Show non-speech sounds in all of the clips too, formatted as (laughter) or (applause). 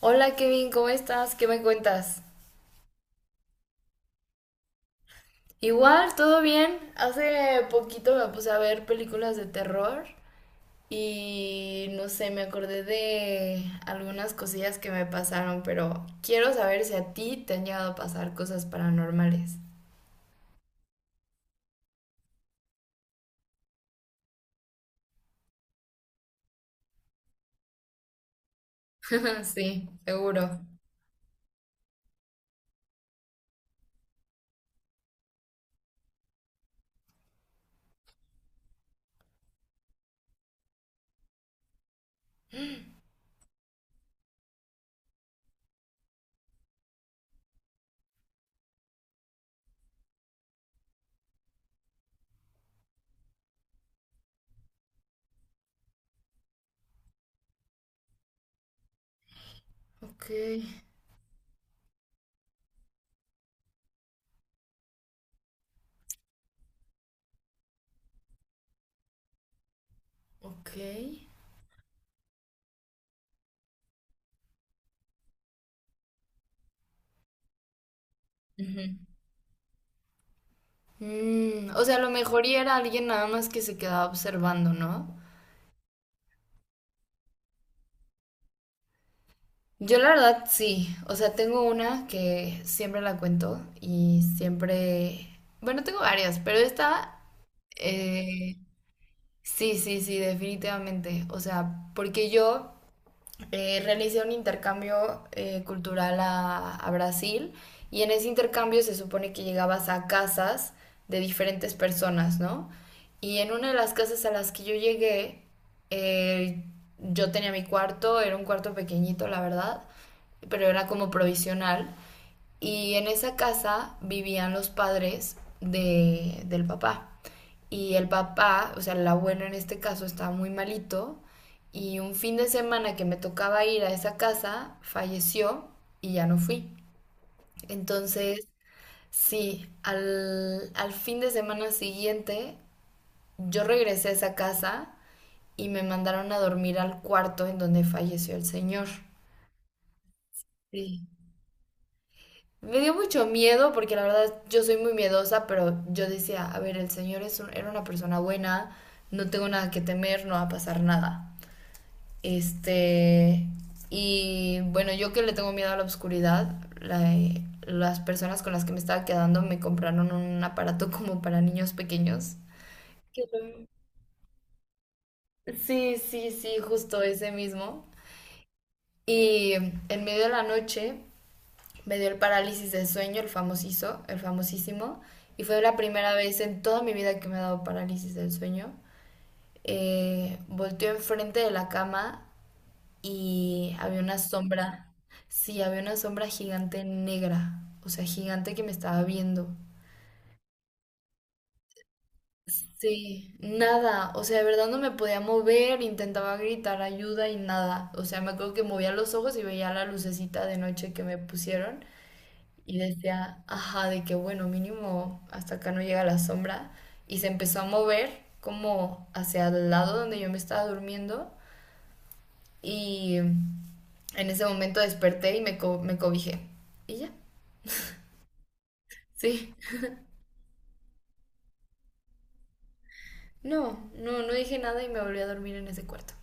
Hola Kevin, ¿cómo estás? ¿Qué me cuentas? Igual, todo bien. Hace poquito me puse a ver películas de terror y no sé, me acordé de algunas cosillas que me pasaron, pero quiero saber si a ti te han llegado a pasar cosas paranormales. (laughs) Sí, seguro. Ok, ok. Ujú. O sea, a lo mejor y era alguien nada más que se quedaba observando, ¿no? Yo la verdad sí, o sea, tengo una que siempre la cuento y siempre, bueno, tengo varias, pero esta, eh, sí, sí, sí, definitivamente, o sea, porque yo realicé un intercambio cultural a Brasil y en ese intercambio se supone que llegabas a casas de diferentes personas, ¿no? Y en una de las casas a las que yo llegué, eh, yo tenía mi cuarto, era un cuarto pequeñito, la verdad, pero era como provisional. Y en esa casa vivían los padres de, del papá. Y el papá, o sea, el abuelo en este caso, estaba muy malito. Y un fin de semana que me tocaba ir a esa casa, falleció y ya no fui. Entonces, sí, al fin de semana siguiente, yo regresé a esa casa y me mandaron a dormir al cuarto en donde falleció el señor. Sí. Me dio mucho miedo porque la verdad yo soy muy miedosa, pero yo decía, a ver, el señor es un- era una persona buena, no tengo nada que temer, no va a pasar nada. Este, y bueno, yo que le tengo miedo a la oscuridad, la- las personas con las que me estaba quedando me compraron un aparato (laughs) como para niños pequeños. que lo- Sí, sí, sí, justo ese mismo. Y en medio de la noche me dio el parálisis de sueño, el famosísimo, y fue la primera vez en toda mi vida que me ha dado parálisis del sueño. Volteó enfrente de la cama y había una sombra, sí, había una sombra gigante negra, o sea, gigante que me estaba viendo. Sí, nada, o sea, de verdad no me podía mover, intentaba gritar ayuda y nada. O sea, me acuerdo que movía los ojos y veía la lucecita de noche que me pusieron y decía, ajá, de que bueno, mínimo hasta acá no llega la sombra. Y se empezó a mover como hacia el lado donde yo me estaba durmiendo y en ese momento desperté y me cobijé. Y ya. Sí. No, no, no dije nada y me volví a dormir en ese cuarto.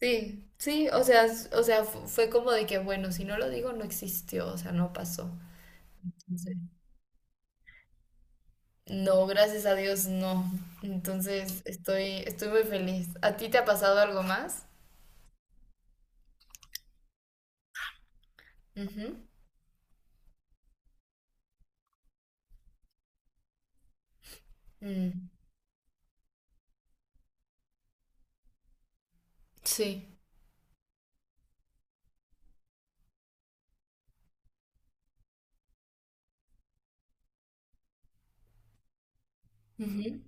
Sí, sí, o sea, fue como de que, bueno, si no lo digo, no existió, o sea, no pasó. Entonces, no, gracias a Dios, no. Entonces, estoy muy feliz. ¿A ti te ha pasado algo más? Ujú. Mm. Sí. Ujú.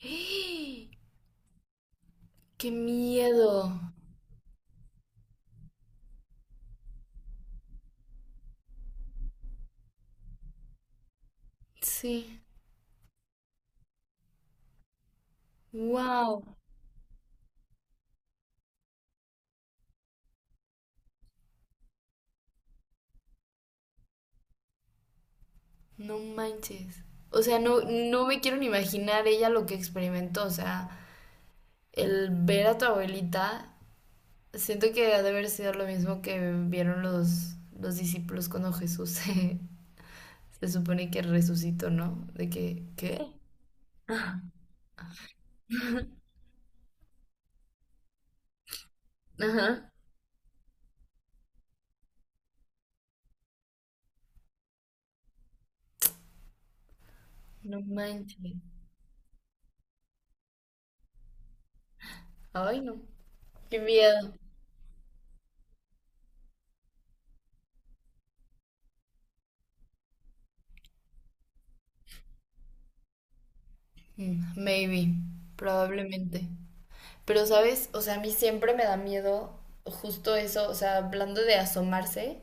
¡Eh! ¡Qué miedo! Sí. Wow. No manches. O sea, no, no me quiero ni imaginar ella lo que experimentó, o sea. El ver a tu abuelita, siento que ha de haber sido lo mismo que vieron los discípulos cuando Jesús (laughs) se supone que resucitó, ¿no? De que, ¿qué? (laughs) Sí. Ajá. No manches. Ay, no. Qué miedo. Maybe, probablemente. Pero, ¿sabes? O sea, a mí siempre me da miedo justo eso, o sea, hablando de asomarse.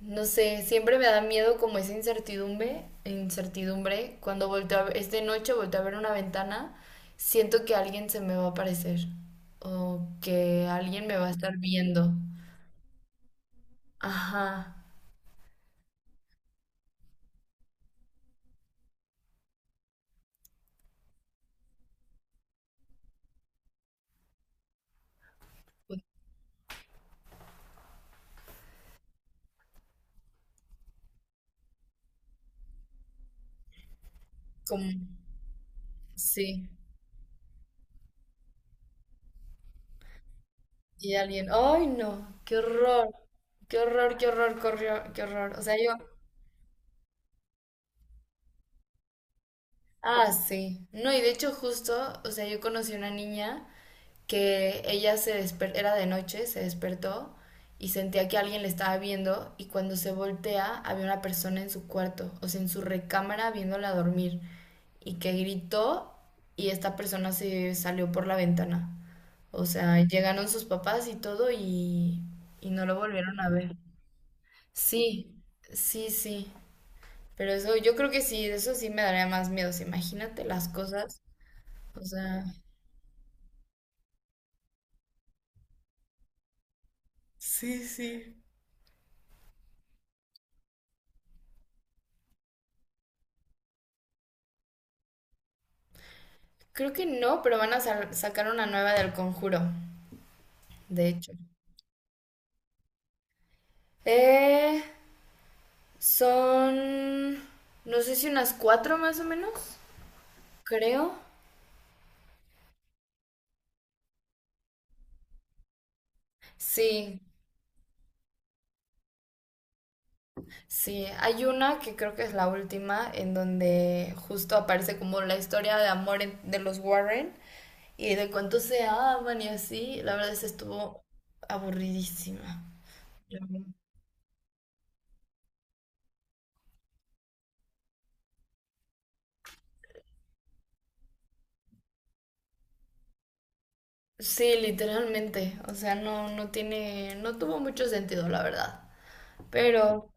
No sé, siempre me da miedo como esa incertidumbre, incertidumbre. Cuando volteo a ver, es de noche, volteo a ver una ventana, siento que alguien se me va a aparecer o que alguien me va a estar viendo. Ajá. Pues, como, sí, y alguien, ay no, qué horror, qué horror, qué horror, corrió, qué horror. O sea, yo, ah, sí. No, y de hecho justo, o sea, yo conocí una niña que ella se desper era de noche, se despertó y sentía que alguien le estaba viendo y cuando se voltea había una persona en su cuarto, o sea, en su recámara viéndola dormir y que gritó y esta persona se salió por la ventana. O sea, llegaron sus papás y todo y no lo volvieron a ver. Sí, sí, sí. Pero eso, yo creo que sí, eso sí me daría más miedo. O sea, imagínate las cosas. O sea, sí, sí. Creo que no, pero van a sacar una nueva del Conjuro, de hecho. Eh, son, no sé si unas cuatro más o menos, creo. Sí, sí, hay una que creo que es la última, en donde justo aparece como la historia de amor de los Warren y de cuánto se aman y así. La verdad es que estuvo aburridísima. La Sí, literalmente. O sea, no, no tiene, no tuvo mucho sentido, la verdad. Pero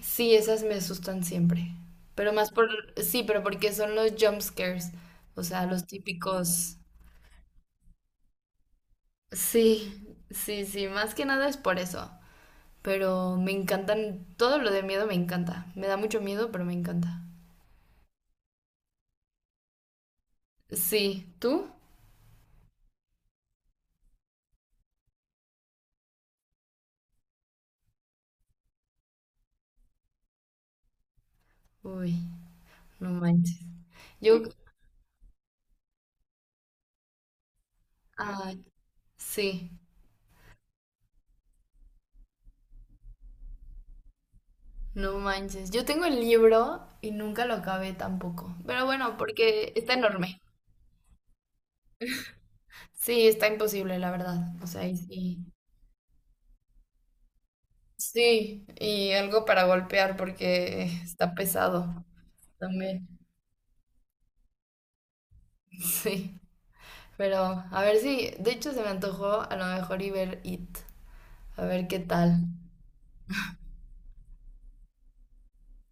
Sí, esas me asustan siempre. Pero más por, sí, pero porque son los jump scares, o sea, los típicos. Sí, sí, sí, más que nada es por eso. Pero me encantan, todo lo de miedo me encanta. Me da mucho miedo, pero me encanta. Sí, ¿tú? Uy, no manches. Yo, ay, sí, no manches. Yo tengo el libro y nunca lo acabé tampoco. Pero bueno, porque está enorme. Sí, está imposible, la verdad. O sea, ahí sí. Sí, y algo para golpear porque está pesado también. (laughs) Sí, pero a ver si, de hecho se me antojó a lo mejor y ver It, a ver qué tal.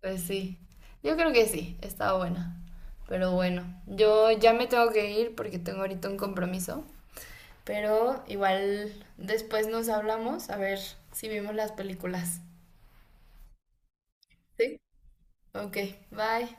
Pues sí, yo creo que sí, está buena. Pero bueno, yo ya me tengo que ir porque tengo ahorita un compromiso. Pero igual después nos hablamos a ver si vimos las películas. Sí. Ok, bye.